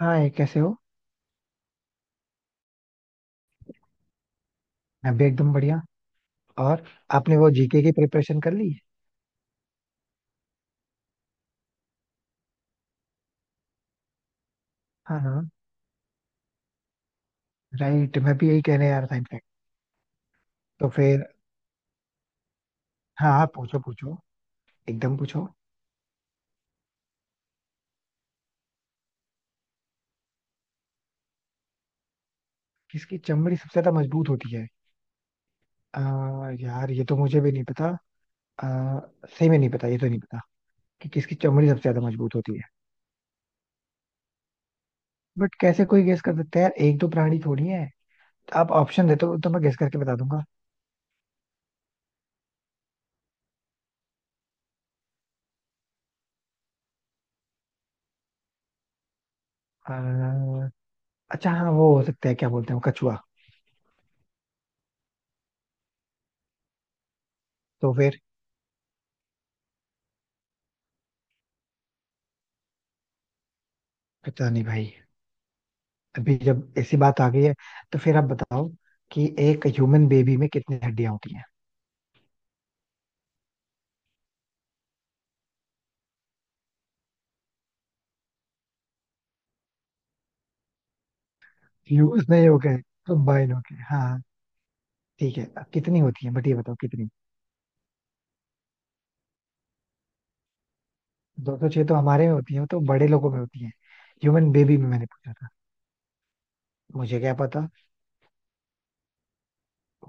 हाँ ये कैसे हो। मैं भी एकदम बढ़िया। और आपने वो जीके की प्रिपरेशन कर ली? हाँ हाँ, राइट, मैं भी यही कहने आ रहा था इनफैक्ट। तो फिर, हाँ आप पूछो पूछो, एकदम पूछो। किसकी चमड़ी सबसे ज्यादा मजबूत होती है? आ, यार ये तो मुझे भी नहीं पता। आ, सही में नहीं पता, ये तो नहीं पता कि किसकी चमड़ी सबसे ज्यादा मजबूत होती है। बट कैसे कोई गेस कर सकता है यार, एक दो प्राणी थोड़ी है। आप ऑप्शन देते हो तो मैं गेस करके बता दूंगा। आ, अच्छा हाँ वो हो सकता है, क्या बोलते हैं वो, कछुआ। तो फिर, पता नहीं भाई। अभी जब ऐसी बात आ गई है तो फिर आप बताओ कि एक ह्यूमन बेबी में कितनी हड्डियां होती हैं? फ्यूज नहीं हो गए, कंबाइन हो गए, हाँ। ठीक है, अब कितनी होती है बट ये बताओ कितनी? 206 तो हमारे में होती है, तो बड़े लोगों में होती है। ह्यूमन बेबी में मैंने पूछा था। मुझे क्या पता।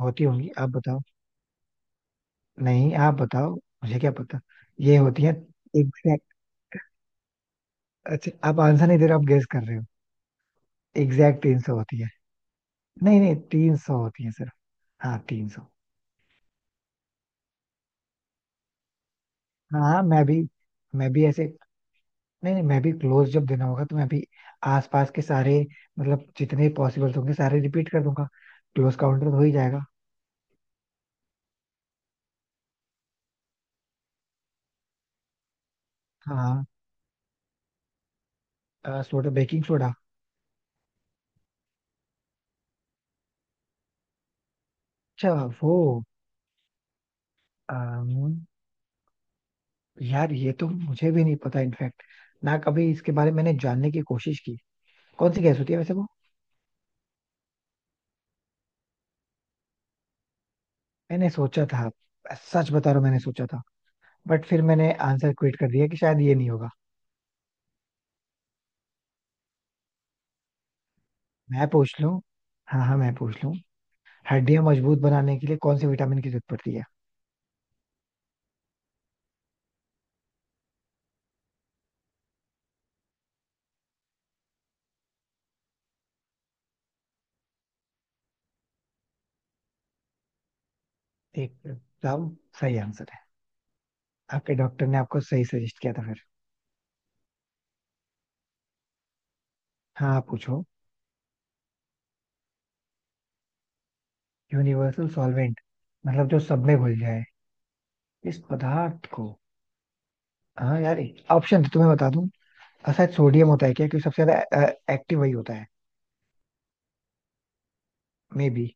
होती होंगी, आप बताओ। नहीं आप बताओ, मुझे क्या पता। ये होती है एग्जैक्ट। अच्छा आप आंसर नहीं दे रहे हो, आप गेस कर रहे हो। एग्जैक्ट 300 होती है। नहीं नहीं, तीन सौ होती है सिर्फ। हाँ 300। हाँ हाँ, मैं भी, मैं भी ऐसे। नहीं नहीं, मैं भी क्लोज जब देना होगा तो मैं भी आसपास के सारे, मतलब जितने पॉसिबल होंगे सारे रिपीट कर दूंगा। क्लोज काउंटर हो ही जाएगा। हाँ, सोडा बेकिंग सोडा? अच्छा वो। अम, यार ये तो मुझे भी नहीं पता इनफैक्ट। ना कभी इसके बारे में मैंने जानने की कोशिश की, कौन सी गैस होती है वैसे वो। मैंने सोचा था, सच बता रहा हूँ मैंने सोचा था। बट फिर मैंने आंसर क्विट कर दिया कि शायद ये नहीं होगा। मैं पूछ लूँ? हाँ हाँ मैं पूछ लूँ। हड्डियां मजबूत बनाने के लिए कौन से विटामिन की जरूरत पड़ती है? एक साहब सही आंसर है। आपके डॉक्टर ने आपको सही सजेस्ट किया था फिर। हाँ आप पूछो। Universal solvent? मतलब जो सब में घुल जाए, इस पदार्थ को। हाँ यार, ऑप्शन तो मैं बता दूं। शायद सोडियम होता है क्या, क्योंकि सबसे ज्यादा एक्टिव वही होता है। Maybe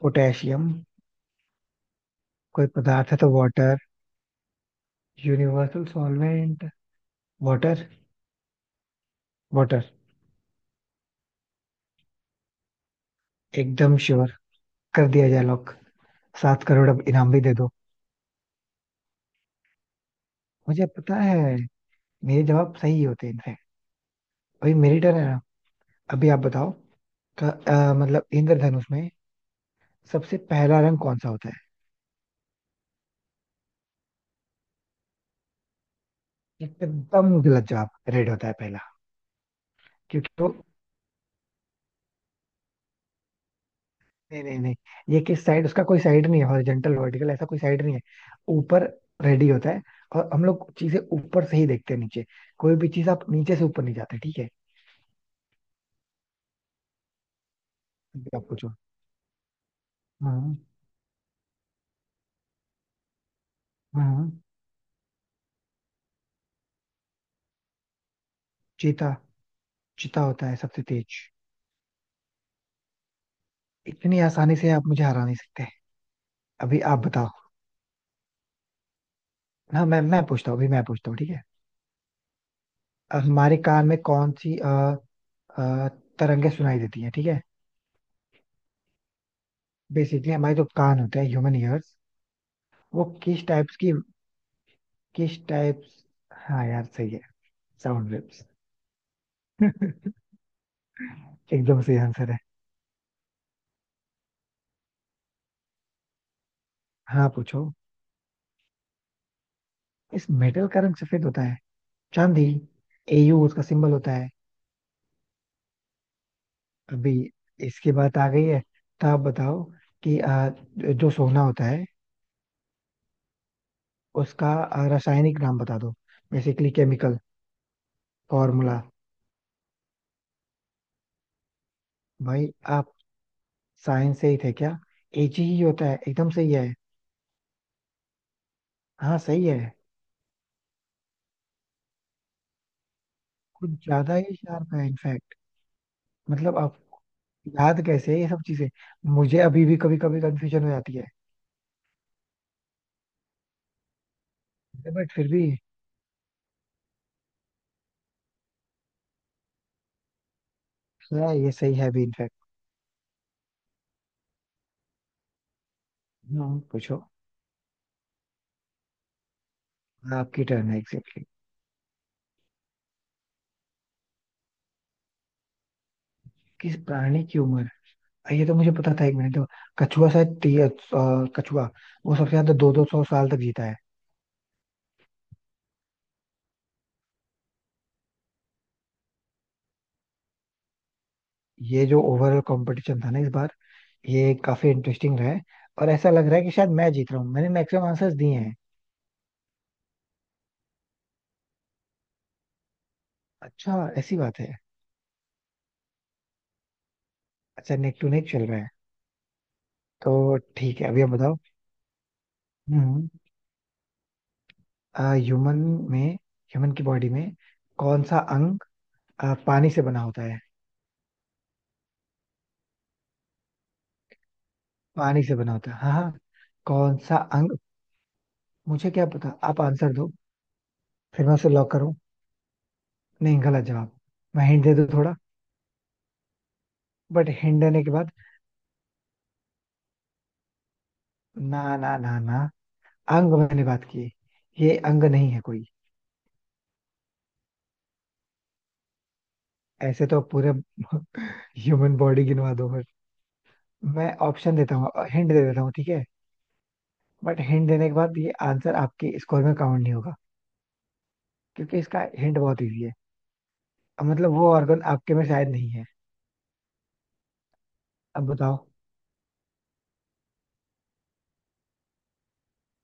potassium. कोई पदार्थ है तो water. Universal solvent. Water. Water. एकदम श्योर। कर दिया जाए लॉक। 7 करोड़ अब इनाम भी दे दो। मुझे पता है मेरे जवाब सही होते हैं इनफैक्ट। अभी मेरी टर्न है ना? अभी आप बताओ। का मतलब इंद्रधनुष में सबसे पहला रंग कौन सा होता है? एकदम गलत जवाब। रेड होता है पहला। क्योंकि वो, नहीं नहीं नहीं, ये किस साइड, उसका कोई साइड नहीं है, हॉरिजेंटल वर्टिकल ऐसा कोई साइड नहीं है। ऊपर रेड ही होता है, और हम लोग चीजें ऊपर से ही देखते हैं नीचे। कोई भी चीज आप नीचे से ऊपर नहीं जाते, ठीक है? अभी आप पूछो। हाँ हाँ, चीता। चीता होता है सबसे तेज। इतनी आसानी से आप मुझे हरा नहीं सकते। अभी आप बताओ। हाँ मैं पूछता हूँ, अभी मैं पूछता हूँ, ठीक है। हमारे कान में कौन सी अ, तरंगे सुनाई देती हैं, ठीक है? बेसिकली हमारे जो कान होते हैं, ह्यूमन ईयर्स, वो किस टाइप्स की, किस टाइप्स? हाँ यार सही है, साउंड वेव्स। एकदम सही आंसर है। हाँ पूछो। इस मेटल का रंग सफेद होता है? चांदी। एयू उसका सिंबल होता है। अभी इसकी बात आ गई है तो आप बताओ कि जो सोना होता है, उसका रासायनिक नाम बता दो, बेसिकली केमिकल फॉर्मूला। भाई आप साइंस से ही थे क्या? एजी ही होता है, एकदम सही है। हाँ सही है। कुछ ज्यादा ही शार्प है इनफैक्ट। मतलब आप याद कैसे है ये सब चीजें? मुझे अभी भी कभी कभी कंफ्यूजन हो जाती है। बट फिर भी। हाँ, ये सही है भी इनफैक्ट। हाँ पूछो। आपकी टर्न है एग्जैक्टली। किस प्राणी की उम्र? ये तो मुझे पता था, एक मिनट तो। कछुआ शायद, कछुआ। वो सबसे ज्यादा दो दो सौ साल तक जीता है। ये जो ओवरऑल कंपटीशन था ना इस बार, ये काफी इंटरेस्टिंग रहा है। और ऐसा लग रहा है कि शायद मैं जीत रहा हूँ, मैंने मैक्सिमम आंसर्स दिए हैं। अच्छा ऐसी बात है। अच्छा नेक टू नेक चल रहा है। तो ठीक है, अभी आप बताओ। हम्म। ह्यूमन में, ह्यूमन की बॉडी में कौन सा अंग पानी से बना होता है? पानी से बना होता है, हाँ हाँ। कौन सा अंग, मुझे क्या पता, आप आंसर दो। फिर मैं उसे लॉक करूं? नहीं गलत जवाब। मैं हिंट दे दूं थोड़ा? बट हिंट देने के बाद। ना ना ना ना, अंग मैंने बात की, ये अंग नहीं है कोई। ऐसे तो पूरे ह्यूमन बॉडी गिनवा दो फिर। मैं ऑप्शन देता हूँ, हिंट दे देता हूँ, ठीक है? बट हिंट देने के बाद ये आंसर आपके स्कोर में काउंट नहीं होगा, क्योंकि इसका हिंट बहुत इजी है। अब मतलब वो ऑर्गन आपके में शायद नहीं है। अब बताओ।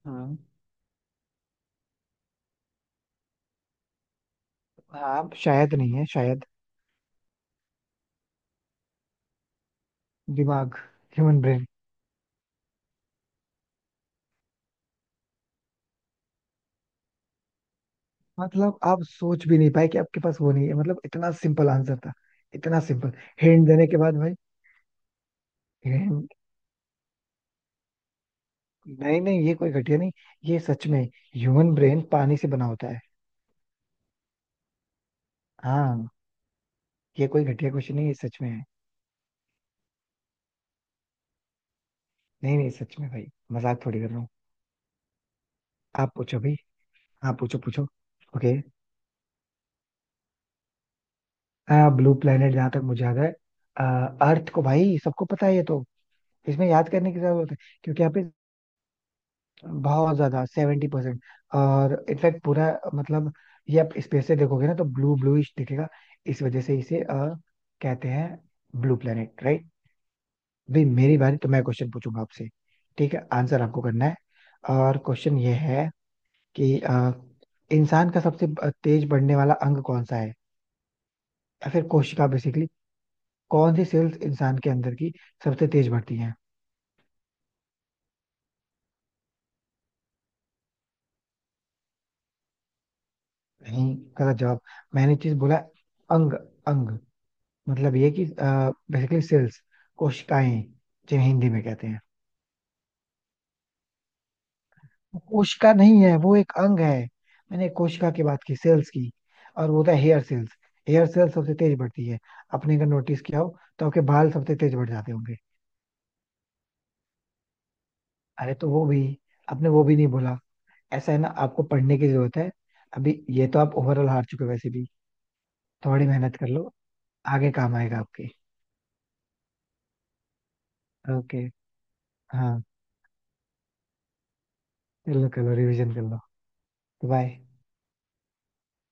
हाँ। आप शायद नहीं है, शायद। दिमाग, ह्यूमन ब्रेन। मतलब आप सोच भी नहीं पाए कि आपके पास वो नहीं है, मतलब इतना सिंपल आंसर था। इतना सिंपल, हिंट देने के बाद भाई। हिंट। नहीं नहीं, ये कोई घटिया नहीं, ये सच में ह्यूमन ब्रेन पानी से बना होता है। हाँ, ये कोई घटिया क्वेश्चन नहीं, ये सच में है। नहीं नहीं सच में भाई, मजाक थोड़ी कर रहा हूँ। आप पूछो भाई, आप पूछो पूछो। ओके। ब्लू प्लेनेट, जहां तक मुझे याद है, अर्थ को, भाई सबको पता है ये तो। इसमें याद करने की जरूरत है, क्योंकि यहाँ पे बहुत ज्यादा 70%, और इनफैक्ट पूरा, मतलब ये आप स्पेस से देखोगे ना तो ब्लू ब्लूइश दिखेगा, इस वजह से इसे कहते हैं ब्लू प्लेनेट, राइट? भाई मेरी बारी, तो मैं क्वेश्चन पूछूंगा आपसे, ठीक है? आंसर आपको करना है, और क्वेश्चन ये है कि इंसान का सबसे तेज बढ़ने वाला अंग कौन सा है, या फिर कोशिका बेसिकली, कौन सी सेल्स इंसान के अंदर की सबसे तेज बढ़ती है? नहीं गलत जवाब। मैंने चीज बोला है, अंग, अंग। मतलब ये कि बेसिकली सेल्स, कोशिकाएं, जिन्हें हिंदी में कहते हैं। वो कोशिका नहीं है, वो एक अंग है। मैंने कोशिका की बात की, सेल्स की, और वो था हेयर सेल्स। हेयर सेल्स सबसे तेज बढ़ती है। अपने अगर नोटिस किया हो तो आपके बाल सबसे तेज बढ़ जाते होंगे। अरे तो वो भी आपने वो भी नहीं बोला। ऐसा है ना, आपको पढ़ने की जरूरत है। अभी ये तो आप ओवरऑल हार चुके हो वैसे भी। थोड़ी मेहनत कर लो, आगे काम आएगा आपके। ओके। हाँ, कर लो कर लो, रिविजन कर लो। बाय।